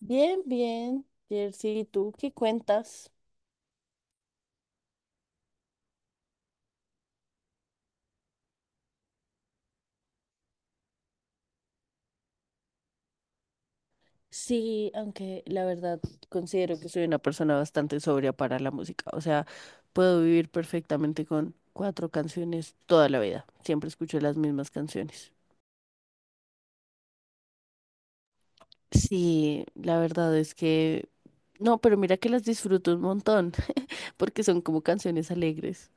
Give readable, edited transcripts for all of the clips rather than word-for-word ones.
Bien, bien, Jersey, ¿y tú qué cuentas? Sí, aunque la verdad considero que soy una persona bastante sobria para la música. O sea, puedo vivir perfectamente con cuatro canciones toda la vida. Siempre escucho las mismas canciones. Sí, la verdad es que... No, pero mira que las disfruto un montón, porque son como canciones alegres.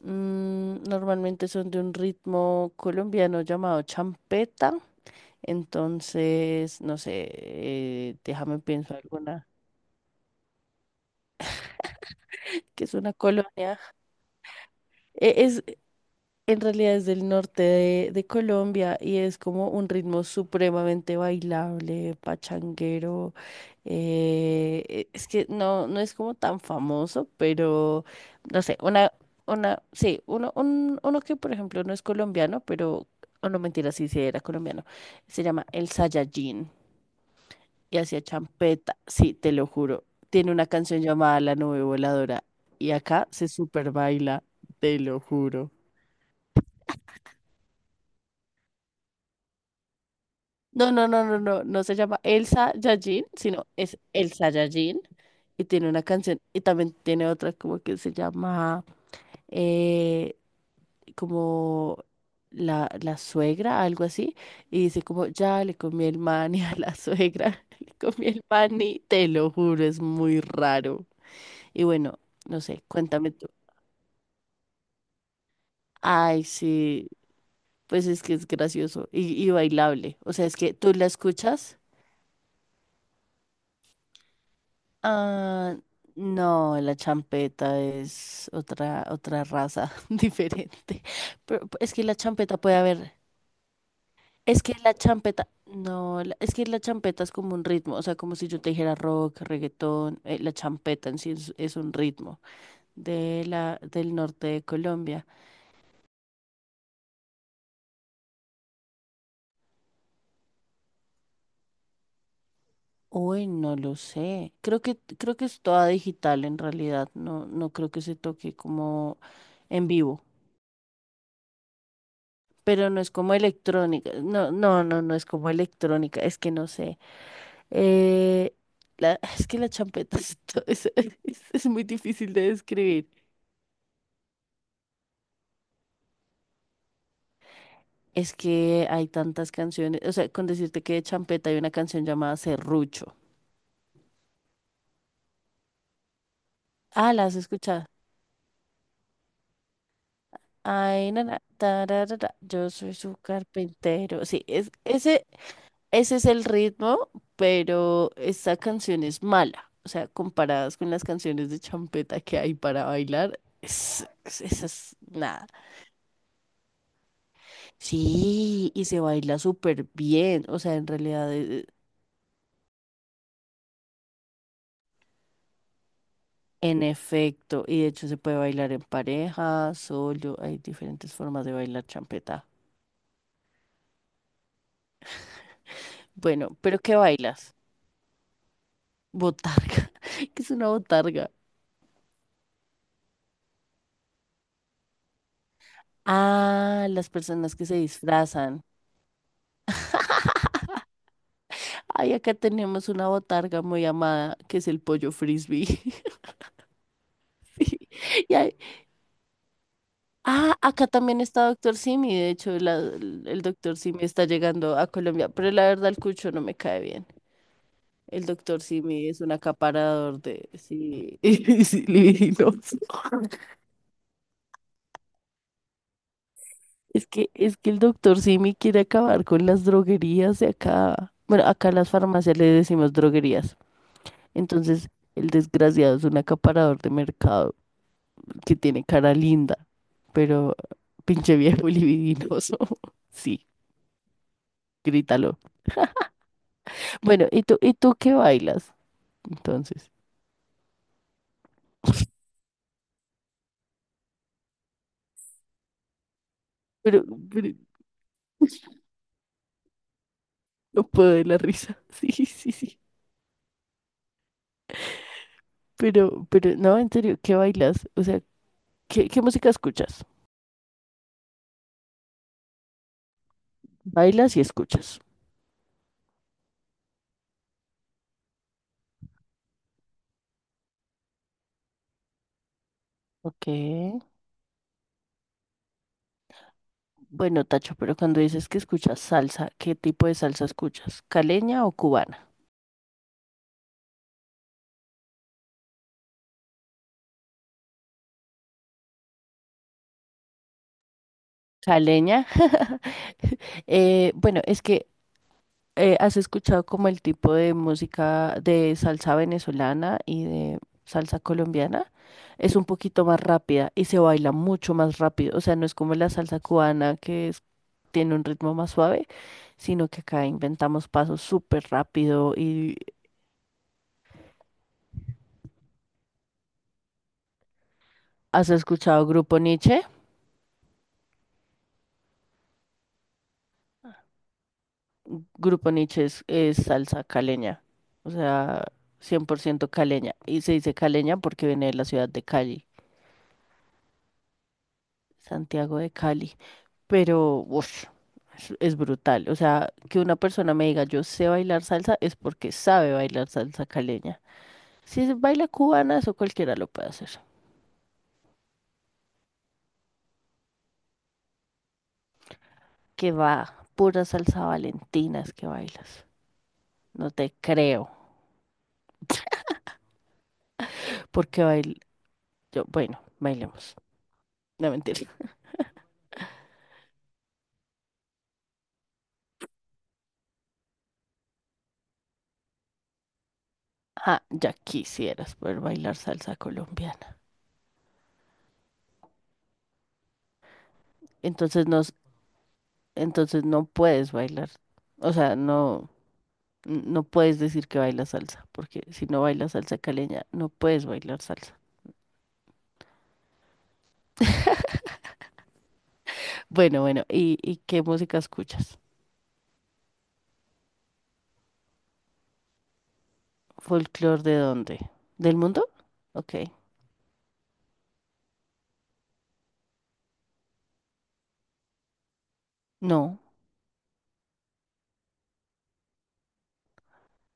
Mm, normalmente son de un ritmo colombiano llamado champeta. Entonces, no sé, déjame pienso alguna, que es una colonia. Es, en realidad es del norte de Colombia y es como un ritmo supremamente bailable, pachanguero. Es que no, no es como tan famoso, pero no sé, una, sí, uno, un- uno que por ejemplo no es colombiano, pero, o no mentira, sí era colombiano. Se llama el Saiyajin. Y hacía champeta, sí, te lo juro. Tiene una canción llamada La Nube Voladora y acá se super baila, te lo juro. No se llama Elsa Yajin, sino es Elsa Yajin y tiene una canción y también tiene otra como que se llama eh, como la suegra, algo así, y dice como ya le comí el mani a la suegra, le comí el mani, te lo juro, es muy raro. Y bueno, no sé, cuéntame tú. Ay, sí, pues es que es gracioso y bailable. O sea, es que tú la escuchas. Ah, no, la champeta es otra, otra raza diferente. Pero es que la champeta puede haber. Es que la champeta. No, la- Es que la champeta es como un ritmo. O sea, como si yo te dijera rock, reggaetón. La champeta en sí es un ritmo del norte de Colombia. Uy, no lo sé. Creo que es toda digital en realidad. No creo que se toque como en vivo. Pero no es como electrónica. No es como electrónica. Es que no sé. Eh, es que la champeta es, es muy difícil de describir. Es que hay tantas canciones. O sea, con decirte que de champeta hay una canción llamada Serrucho. Ah, ¿la has escuchado? Ay, na, tararara, yo soy su carpintero. Sí, es ese. Ese es el ritmo, pero esta canción es mala. O sea, comparadas con las canciones de champeta que hay para bailar, esa es nada. Sí, y se baila súper bien. O sea, en realidad, en efecto, y de hecho se puede bailar en pareja, solo, hay diferentes formas de bailar champeta. Bueno, pero ¿qué bailas? Botarga. ¿Qué es una botarga? Ah, las personas que se disfrazan. Ay, acá tenemos una botarga muy amada, que es el pollo frisbee. Sí. Y ahí- Ah, acá también está Doctor Simi. De hecho, Doctor Simi está llegando a Colombia, pero la verdad el cucho no me cae bien. El Doctor Simi es un acaparador de sí, sí, libidinos. Es que el Doctor Simi quiere acabar con las droguerías de acá. Bueno, acá en las farmacias le decimos droguerías. Entonces, el desgraciado es un acaparador de mercado. Que tiene cara linda, pero pinche viejo libidinoso. Sí, grítalo. Bueno, y tú qué bailas? Entonces, pero, pero no puedo de la risa. Sí, sí, sí. No, en serio, ¿qué bailas? O sea, qué música escuchas? Bailas y escuchas. Ok. Bueno, Tacho, pero cuando dices que escuchas salsa, ¿qué tipo de salsa escuchas? ¿Caleña o cubana? Caleña. Bueno, es que ¿has escuchado como el tipo de música de salsa venezolana y de salsa colombiana? Es un poquito más rápida y se baila mucho más rápido. O sea, no es como la salsa cubana que es- tiene un ritmo más suave, sino que acá inventamos pasos súper rápido. ¿Y has escuchado Grupo Nietzsche? Grupo Nietzsche es salsa caleña, o sea, 100% caleña. Y se dice caleña porque viene de la ciudad de Cali, Santiago de Cali. Pero ush, es brutal. O sea, que una persona me diga yo sé bailar salsa es porque sabe bailar salsa caleña. Si es baila cubana, eso cualquiera lo puede hacer. Que va, pura salsa valentinas que bailas. No te creo, porque bail... yo, bueno, bailemos. No mentira. Ah, ya quisieras poder bailar salsa colombiana. Entonces no, entonces no puedes bailar. O sea, no. No puedes decir que bailas salsa, porque si no bailas salsa caleña, no puedes bailar salsa. Bueno, bueno, y qué música escuchas? ¿Folclor de dónde? ¿Del mundo? Ok, no.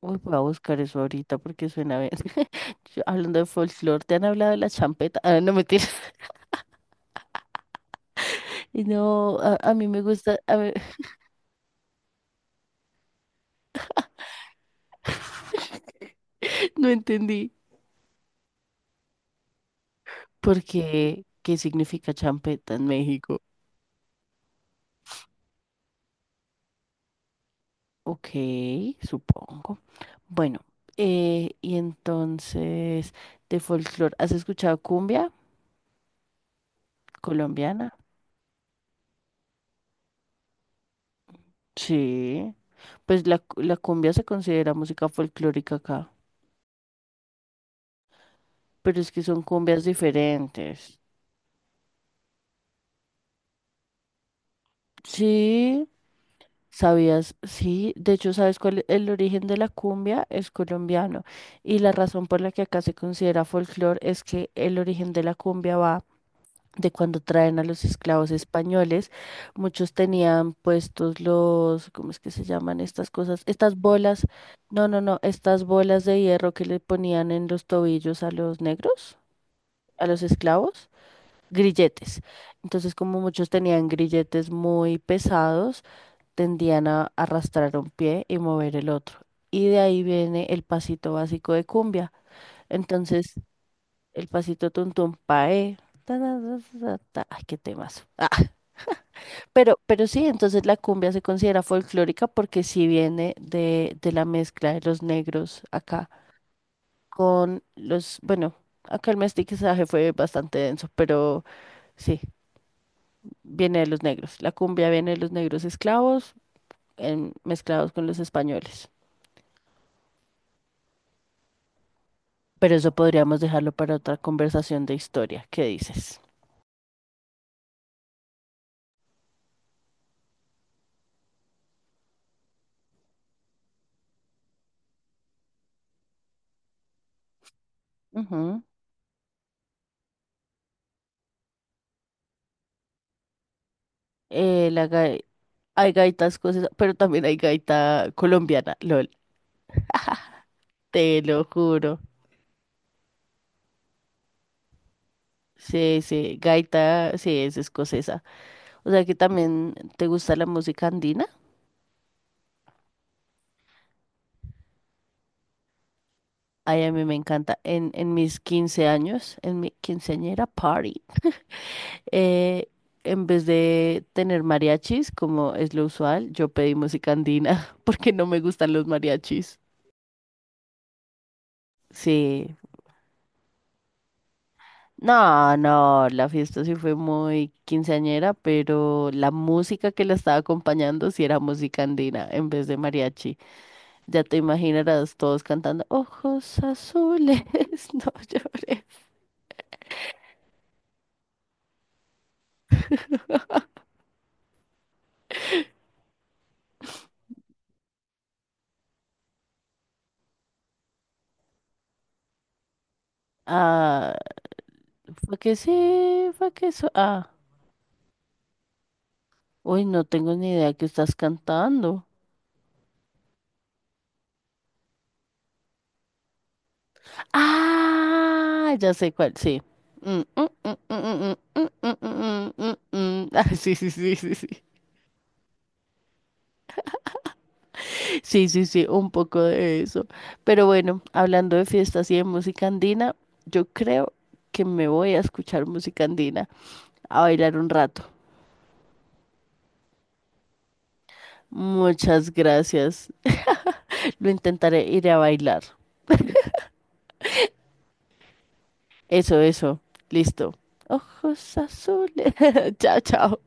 Uy, voy a buscar eso ahorita porque suena bien. Yo, hablando de folclor, ¿te han hablado de la champeta? Ah, no, mentiras. Y no, a mí me gusta, a ver, no entendí. ¿Por qué? ¿Qué significa champeta en México? Ok, supongo. Bueno, y entonces, de folclore, ¿has escuchado cumbia colombiana? Sí. Pues la cumbia se considera música folclórica acá, pero es que son cumbias diferentes. Sí, sabías, sí, de hecho, ¿sabes cuál es el origen de la cumbia? Es colombiano. Y la razón por la que acá se considera folclore es que el origen de la cumbia va de cuando traen a los esclavos españoles, muchos tenían puestos los, ¿cómo es que se llaman estas cosas? Estas bolas, no, no, no, estas bolas de hierro que le ponían en los tobillos a los negros, a los esclavos, grilletes. Entonces, como muchos tenían grilletes muy pesados, tendían a arrastrar un pie y mover el otro. Y de ahí viene el pasito básico de cumbia. Entonces, el pasito tuntum pae. Ta, ta, ta, ta, ta. Ay, qué temas. Ah, pero sí, entonces la cumbia se considera folclórica porque sí viene de la mezcla de los negros acá con los, bueno, acá el mestizaje fue bastante denso, pero sí, viene de los negros. La cumbia viene de los negros esclavos mezclados con los españoles. Pero eso podríamos dejarlo para otra conversación de historia. ¿Qué dices? Ujú. Eh, la gai- Hay gaitas cosas, pero también hay gaita colombiana, lol, te lo juro. Sí, sí, gaita, sí, es escocesa. O sea que también te gusta la música andina. Ay, a mí me encanta. En mis 15 años, en mi quinceañera party, eh, en vez de tener mariachis, como es lo usual, yo pedí música andina porque no me gustan los mariachis. Sí. No, no, la fiesta sí fue muy quinceañera, pero la música que la estaba acompañando sí era música andina en vez de mariachi. Ya te imaginarás todos cantando ojos azules, no llores. Ah, fue que sí, fue que eso. Ah, uy, no tengo ni idea que estás cantando. Ah, ya sé cuál, sí. Mm, mm, mm, mm, mm, mm, mm, mm, mm, mm, mm. Mm, mm. Ah, sí, sí, sí, sí, sí. Sí, sí, sí, un poco de eso. Pero bueno, hablando de fiestas y de música andina, yo creo que me voy a escuchar música andina, a bailar un rato. Muchas gracias. Lo intentaré, iré a bailar. Eso, eso. Listo. Ojos azules. Chao, chao.